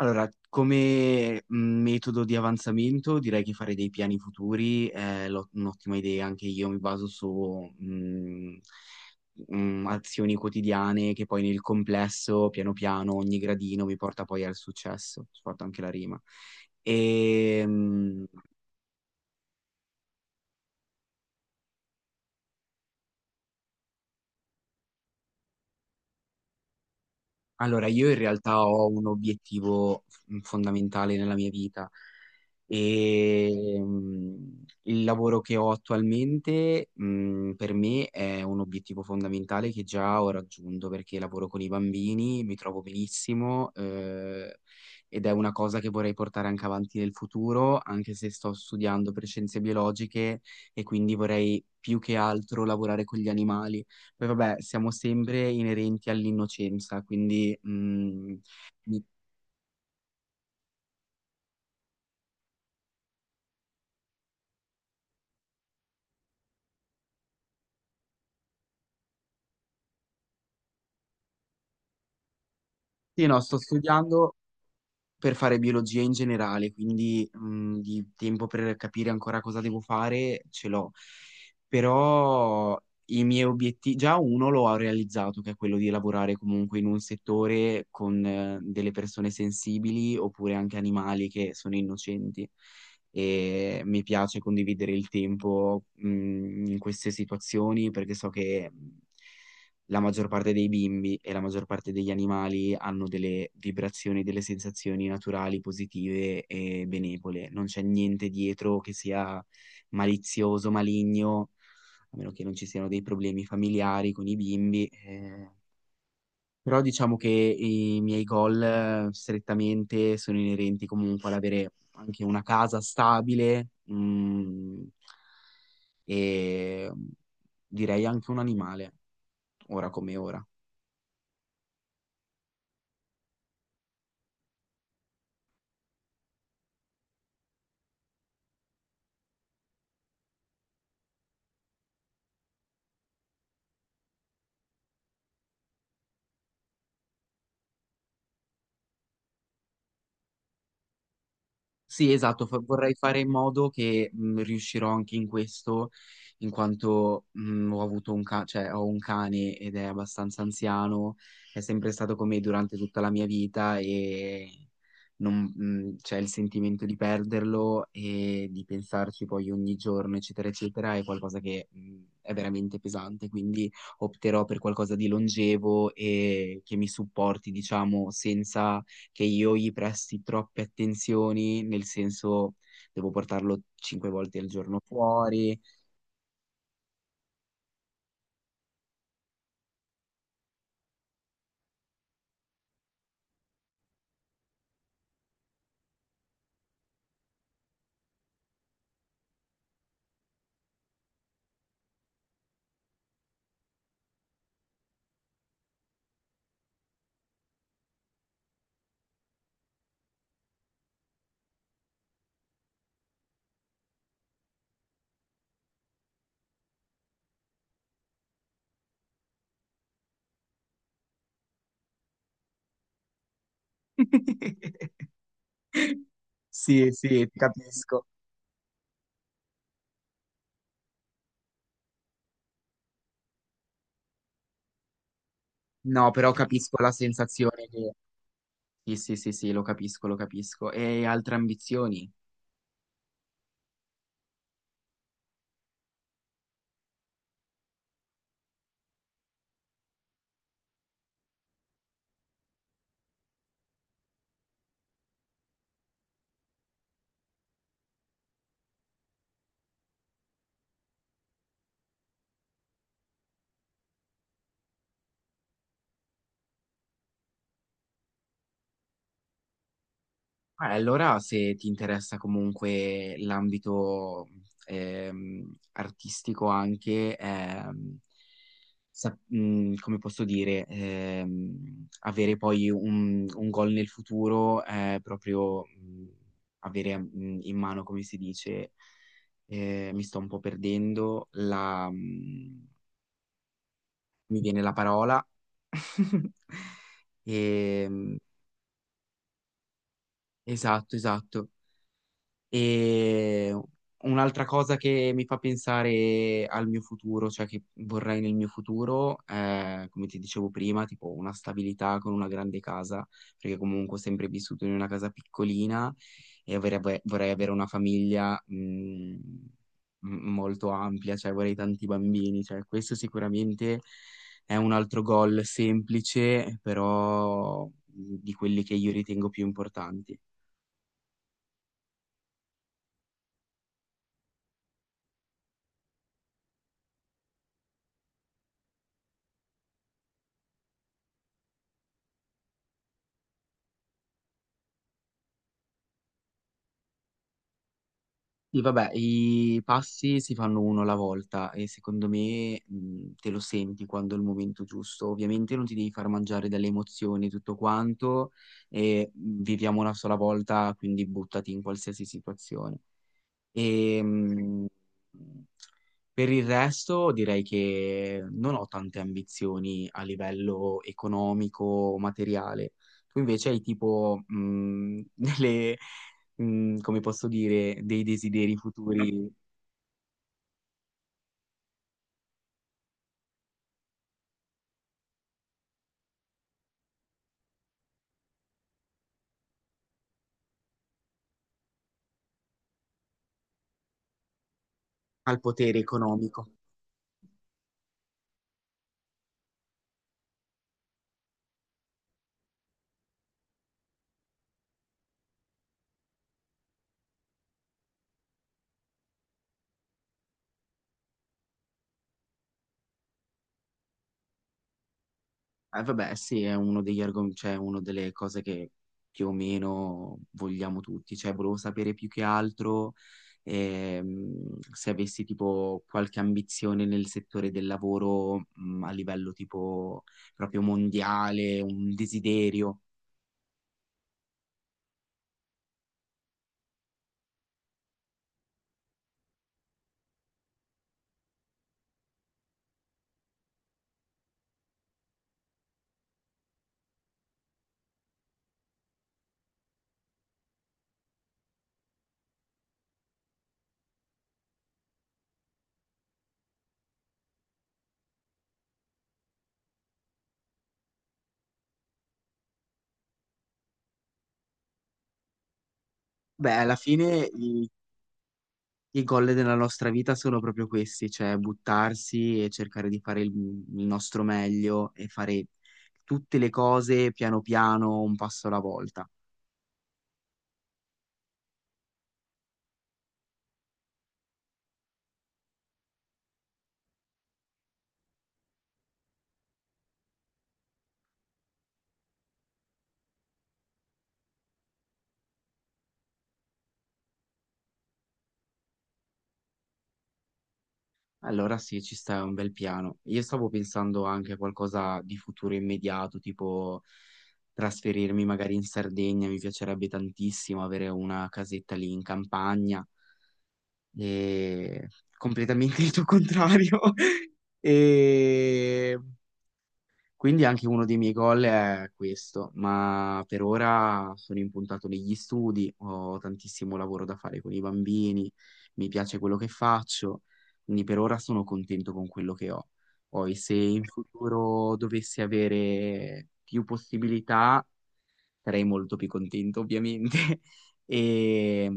Allora, come metodo di avanzamento direi che fare dei piani futuri è un'ottima idea, anche io mi baso su azioni quotidiane che poi nel complesso, piano piano, ogni gradino mi porta poi al successo, ci porta anche la rima. E, Allora, io in realtà ho un obiettivo fondamentale nella mia vita e il lavoro che ho attualmente, per me è un obiettivo fondamentale che già ho raggiunto perché lavoro con i bambini, mi trovo benissimo, ed è una cosa che vorrei portare anche avanti nel futuro, anche se sto studiando per scienze biologiche e quindi vorrei più che altro lavorare con gli animali. Poi vabbè, siamo sempre inerenti all'innocenza, quindi... mi- sì, no, sto studiando per fare biologia in generale, quindi di tempo per capire ancora cosa devo fare ce l'ho. Però i miei obiettivi, già uno lo ho realizzato, che è quello di lavorare comunque in un settore con, delle persone sensibili oppure anche animali che sono innocenti. E mi piace condividere il tempo in queste situazioni perché so che la maggior parte dei bimbi e la maggior parte degli animali hanno delle vibrazioni, delle sensazioni naturali, positive e benevole. Non c'è niente dietro che sia malizioso, maligno, a meno che non ci siano dei problemi familiari con i bimbi. Eh. Però diciamo che i miei goal, strettamente sono inerenti comunque all'avere anche una casa stabile, e mm, direi anche un animale, ora come ora. Sì, esatto, vorrei fare in modo che, riuscirò anche in questo, in quanto, ho avuto un cioè, ho un cane ed è abbastanza anziano, è sempre stato con me durante tutta la mia vita e c'è il sentimento di perderlo e di pensarci poi ogni giorno, eccetera, eccetera. È qualcosa che, è veramente pesante, quindi opterò per qualcosa di longevo e che mi supporti, diciamo, senza che io gli presti troppe attenzioni, nel senso devo portarlo cinque volte al giorno fuori. Sì, sì, ti capisco. No, però capisco la sensazione che... Sì, sì, sì, sì, lo capisco, lo capisco. E altre ambizioni? Ah, allora, se ti interessa comunque l'ambito artistico anche, come posso dire, avere poi un goal nel futuro, proprio avere, in mano, come si dice, mi sto un po' perdendo, mi viene la parola. Ehm, esatto, esatto. E un'altra cosa che mi fa pensare al mio futuro, cioè che vorrei nel mio futuro, è, come ti dicevo prima, tipo una stabilità con una grande casa, perché comunque ho sempre vissuto in una casa piccolina e vorrei avere una famiglia, molto ampia, cioè vorrei tanti bambini. Cioè questo sicuramente è un altro goal semplice, però di quelli che io ritengo più importanti. Sì, vabbè, i passi si fanno uno alla volta e secondo me, te lo senti quando è il momento giusto. Ovviamente non ti devi far mangiare dalle emozioni e tutto quanto e, viviamo una sola volta, quindi buttati in qualsiasi situazione. E, mh, per il resto direi che non ho tante ambizioni a livello economico o materiale. Tu invece hai tipo come posso dire, dei desideri futuri al potere economico. Vabbè, sì, è uno degli argomenti, cioè una delle cose che più o meno vogliamo tutti. Cioè, volevo sapere più che altro, se avessi tipo qualche ambizione nel settore del lavoro, a livello tipo proprio mondiale, un desiderio. Beh, alla fine i goal della nostra vita sono proprio questi, cioè buttarsi e cercare di fare il nostro meglio e fare tutte le cose piano piano, un passo alla volta. Allora sì, ci sta, è un bel piano. Io stavo pensando anche a qualcosa di futuro immediato, tipo trasferirmi magari in Sardegna, mi piacerebbe tantissimo avere una casetta lì in campagna, e completamente il tuo contrario. E quindi anche uno dei miei goal è questo, ma per ora sono impuntato negli studi, ho tantissimo lavoro da fare con i bambini, mi piace quello che faccio, quindi per ora sono contento con quello che ho. Poi se in futuro dovessi avere più possibilità, sarei molto più contento ovviamente. E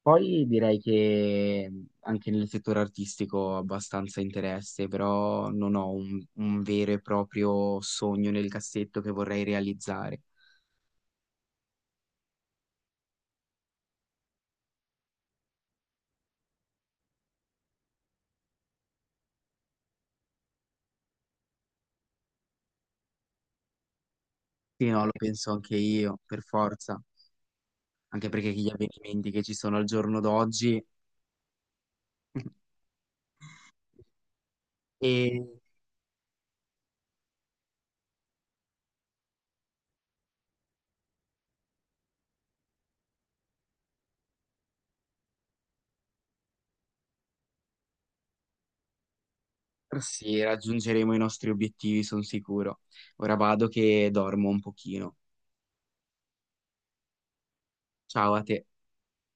poi direi che, anche nel settore artistico ho abbastanza interesse, però non ho un vero e proprio sogno nel cassetto che vorrei realizzare. Sì, no, lo penso anche io, per forza, anche perché gli avvenimenti che ci sono al giorno d'oggi e sì, raggiungeremo i nostri obiettivi, sono sicuro. Ora vado che dormo un pochino. Ciao a te.